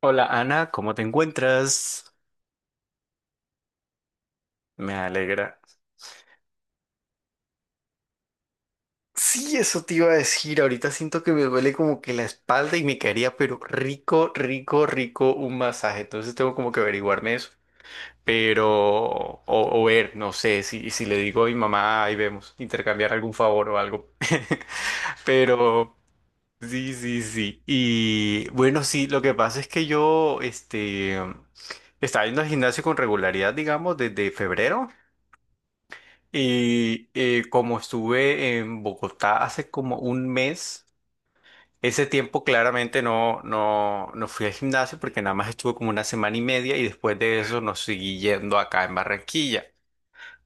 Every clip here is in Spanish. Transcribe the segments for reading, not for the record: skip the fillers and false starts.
Hola Ana, ¿cómo te encuentras? Me alegra. Sí, eso te iba a decir. Ahorita siento que me duele como que la espalda y me caería, pero rico, rico, rico un masaje. Entonces tengo como que averiguarme eso. Pero, o ver, no sé, si le digo a mi mamá, ahí vemos, intercambiar algún favor o algo. Pero, sí, sí, sí. Y bueno, sí, lo que pasa es que yo, estaba yendo al gimnasio con regularidad, digamos, desde febrero. Como estuve en Bogotá hace como un mes, ese tiempo claramente no fui al gimnasio porque nada más estuve como una semana y media y después de eso nos seguí yendo acá en Barranquilla.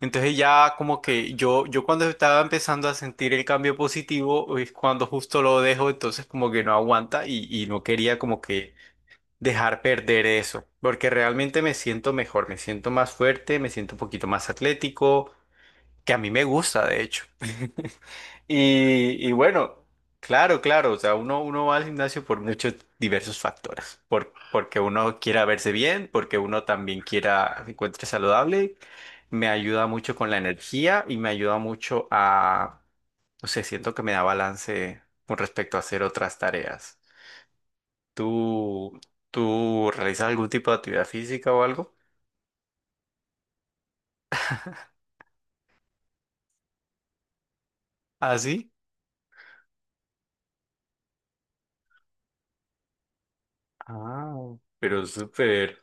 Entonces ya como que yo cuando estaba empezando a sentir el cambio positivo es cuando justo lo dejo, entonces como que no aguanta y no quería como que dejar perder eso, porque realmente me siento mejor, me siento más fuerte, me siento un poquito más atlético que a mí me gusta, de hecho. Y bueno, claro, claro, o sea, uno va al gimnasio por muchos diversos factores, porque uno quiera verse bien, porque uno también quiera se encuentre saludable, me ayuda mucho con la energía y me ayuda mucho a, no sé, siento que me da balance con respecto a hacer otras tareas. ¿Tú, ¿tú realizas algún tipo de actividad física o algo? ¿Ah, sí? Ah, pero súper.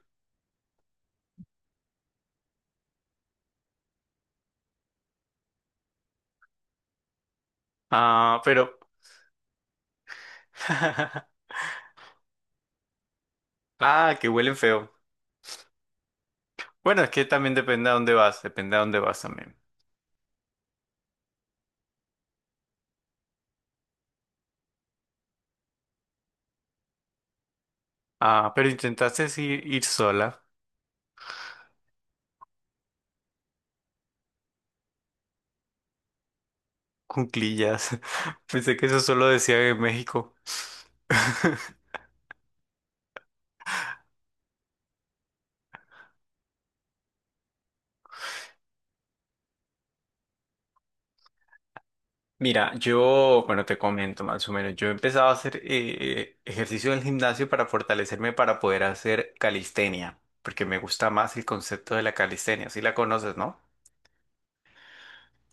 Ah, pero... Ah, que huelen feo. Bueno, es que también depende a dónde vas, depende a dónde vas también. Ah, pero intentaste ir sola, cuclillas. Pensé que eso solo decía en México. Mira, yo, bueno, te comento más o menos, yo empezaba a hacer ejercicio en el gimnasio para fortalecerme para poder hacer calistenia, porque me gusta más el concepto de la calistenia, si la conoces, ¿no?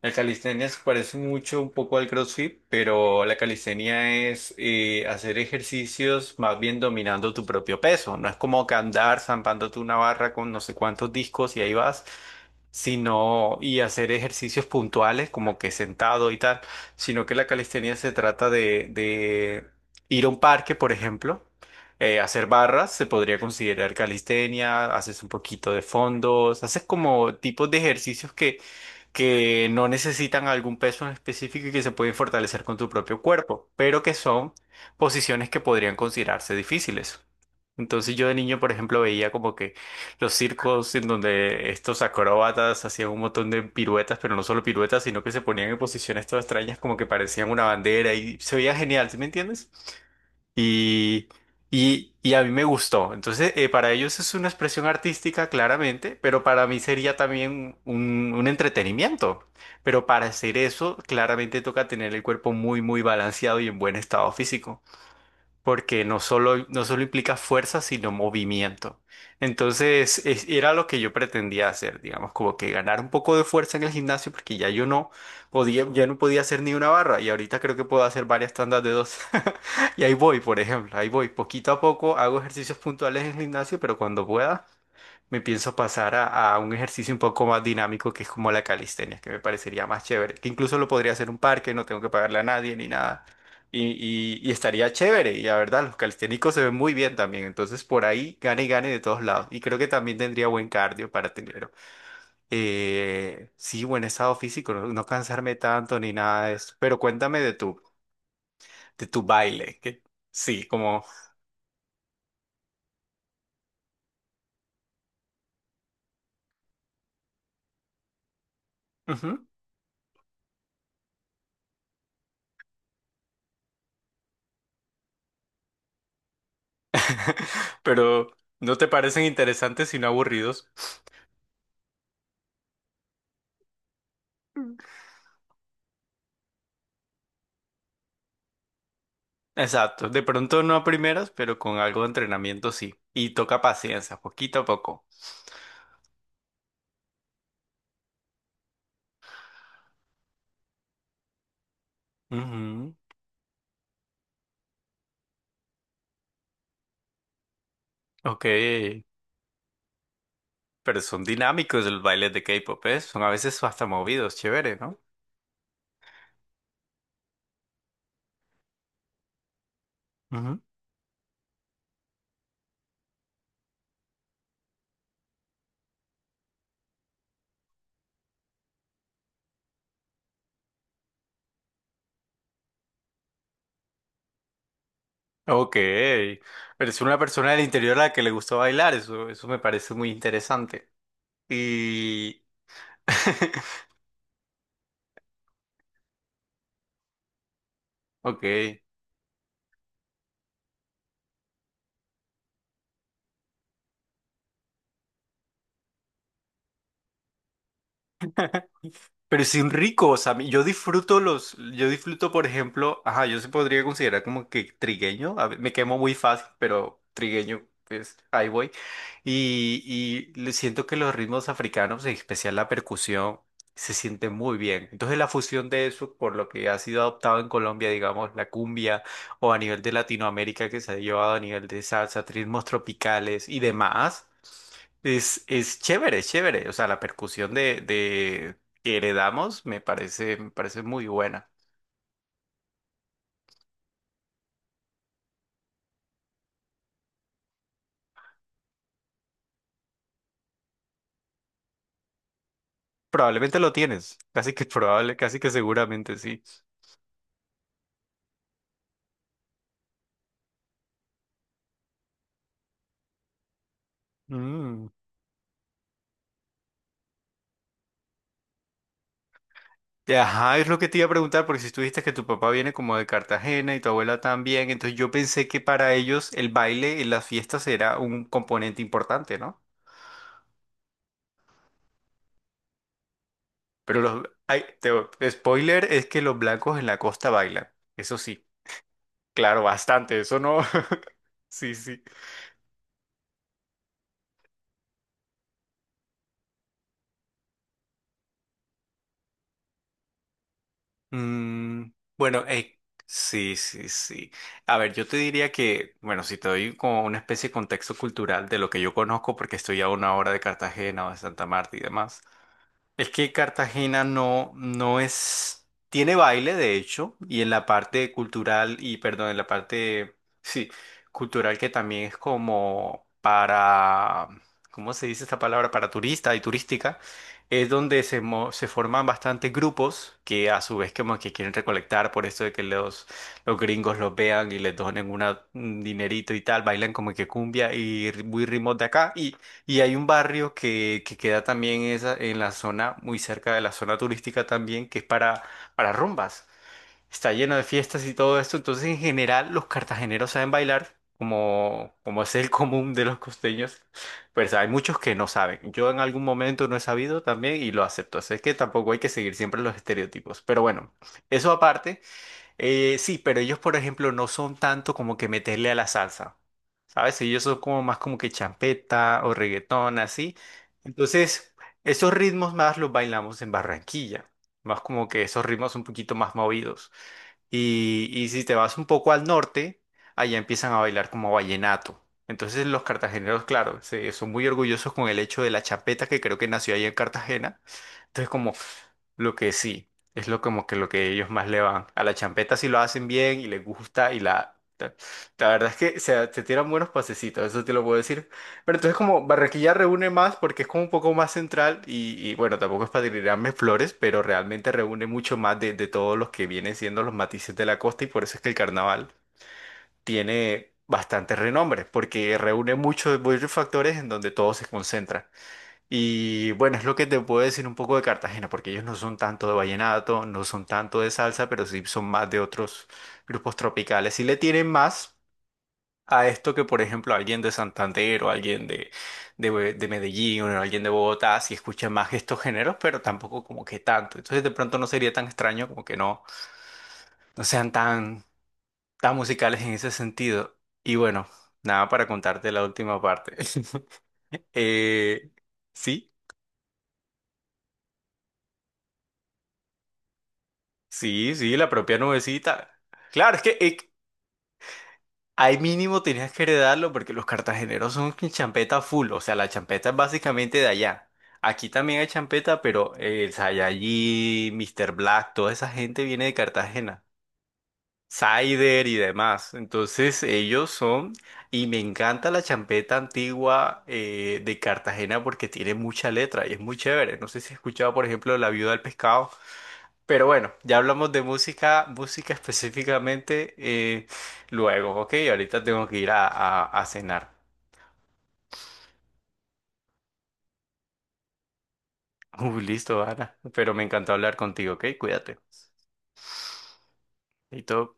La calistenia se parece mucho un poco al CrossFit, pero la calistenia es hacer ejercicios más bien dominando tu propio peso. No es como que andar zampándote una barra con no sé cuántos discos y ahí vas, sino y hacer ejercicios puntuales como que sentado y tal, sino que la calistenia se trata de ir a un parque, por ejemplo. Hacer barras se podría considerar calistenia, haces un poquito de fondos, haces como tipos de ejercicios que no necesitan algún peso en específico y que se pueden fortalecer con tu propio cuerpo, pero que son posiciones que podrían considerarse difíciles. Entonces yo de niño, por ejemplo, veía como que los circos en donde estos acróbatas hacían un montón de piruetas, pero no solo piruetas, sino que se ponían en posiciones todas extrañas como que parecían una bandera y se veía genial, ¿sí me entiendes? Y, y a mí me gustó. Entonces, para ellos es una expresión artística, claramente, pero para mí sería también un entretenimiento. Pero para hacer eso, claramente toca tener el cuerpo muy, muy balanceado y en buen estado físico porque no solo implica fuerza, sino movimiento. Entonces, era lo que yo pretendía hacer, digamos, como que ganar un poco de fuerza en el gimnasio, porque ya yo no podía, ya no podía hacer ni una barra, y ahorita creo que puedo hacer varias tandas de dos. Y ahí voy, por ejemplo, ahí voy, poquito a poco hago ejercicios puntuales en el gimnasio, pero cuando pueda me pienso pasar a un ejercicio un poco más dinámico que es como la calistenia, que me parecería más chévere, que incluso lo podría hacer en un parque, no tengo que pagarle a nadie ni nada. Y, y estaría chévere, y la verdad, los calisténicos se ven muy bien también, entonces por ahí gane y gane de todos lados. Y creo que también tendría buen cardio para tener, sí, buen estado físico, no cansarme tanto ni nada de eso. Pero cuéntame de de tu baile, que sí, como... ujú. Pero ¿no te parecen interesantes sino aburridos? Exacto, de pronto no a primeras, pero con algo de entrenamiento sí. Y toca paciencia, poquito a poco. Ujú. Ok, pero son dinámicos los bailes de K-pop, ¿eh? Son a veces hasta movidos, chévere, no. Ujú. Ok, pero es una persona del interior a la que le gusta bailar, eso me parece muy interesante. Y... Ok. Pero sin rico, o sea, yo disfruto los, yo disfruto, por ejemplo, ajá, yo se podría considerar como que trigueño, me quemo muy fácil, pero trigueño, pues ahí voy. Y, y le siento que los ritmos africanos, en especial la percusión, se sienten muy bien. Entonces la fusión de eso, por lo que ha sido adoptado en Colombia, digamos, la cumbia, o a nivel de Latinoamérica que se ha llevado a nivel de salsa, ritmos tropicales y demás. Es chévere, es chévere. O sea, la percusión de que heredamos me parece muy buena. Probablemente lo tienes. Casi que probable, casi que seguramente sí. Mm. Ajá, es lo que te iba a preguntar, porque si tú dijiste que tu papá viene como de Cartagena y tu abuela también, entonces yo pensé que para ellos el baile en las fiestas era un componente importante, ¿no? Pero los... Ay, spoiler es que los blancos en la costa bailan. Eso sí, claro, bastante. Eso no. Sí, sí. Mm, bueno, sí, sí, sí. A ver, yo te diría que, bueno, si te doy como una especie de contexto cultural de lo que yo conozco, porque estoy a una hora de Cartagena o de Santa Marta y demás, es que Cartagena no es, tiene baile de hecho, y en la parte cultural, y perdón, en la parte, sí, cultural que también es como para, ¿cómo se dice esta palabra? Para turista y turística, es donde se forman bastantes grupos que a su vez como que quieren recolectar por esto de que los gringos los vean y les donen un dinerito y tal, bailan como que cumbia muy ritmos de acá, y hay un barrio que queda también esa, en la zona, muy cerca de la zona turística también, que es para rumbas. Está lleno de fiestas y todo esto. Entonces, en general, los cartageneros saben bailar, como es el común de los costeños. Pues hay muchos que no saben. Yo en algún momento no he sabido también y lo acepto. Así es que tampoco hay que seguir siempre los estereotipos. Pero bueno, eso aparte. Sí, pero ellos, por ejemplo, no son tanto como que meterle a la salsa, ¿sabes? Ellos son como más como que champeta o reggaetón, así. Entonces, esos ritmos más los bailamos en Barranquilla, más como que esos ritmos un poquito más movidos. Y si te vas un poco al norte, allá empiezan a bailar como vallenato. Entonces los cartageneros, claro, son muy orgullosos con el hecho de la champeta que creo que nació ahí en Cartagena. Entonces como lo que sí, es lo como que lo que ellos más le van. A la champeta si lo hacen bien y les gusta y la... La verdad es que se tiran buenos pasecitos, eso te lo puedo decir. Pero entonces como Barranquilla reúne más porque es como un poco más central y bueno, tampoco es para tirarme flores, pero realmente reúne mucho más de todos los que vienen siendo los matices de la costa y por eso es que el carnaval tiene bastante renombre, porque reúne muchos, muchos factores en donde todo se concentra. Y bueno, es lo que te puedo decir un poco de Cartagena, porque ellos no son tanto de vallenato, no son tanto de salsa, pero sí son más de otros grupos tropicales. Y le tienen más a esto que, por ejemplo, alguien de Santander o alguien de Medellín o alguien de Bogotá, sí escucha más estos géneros, pero tampoco como que tanto. Entonces, de pronto no sería tan extraño como que no, no sean tan, tan musicales en ese sentido. Y bueno, nada para contarte la última parte. eh, sí. Sí, sí, la propia nubecita. Claro, es que ahí mínimo tenías que heredarlo porque los cartageneros son que champeta full, o sea, la champeta es básicamente de allá. Aquí también hay champeta, pero el Saiyajin, Mr. Black, toda esa gente viene de Cartagena. Cider y demás. Entonces ellos son, y me encanta la champeta antigua de Cartagena porque tiene mucha letra y es muy chévere. No sé si has escuchado, por ejemplo, La Viuda del Pescado. Pero bueno, ya hablamos de música, música específicamente luego, ¿ok? Ahorita tengo que ir a cenar. Uy, listo, Ana. Pero me encantó hablar contigo, ¿ok? Cuídate. Y todo.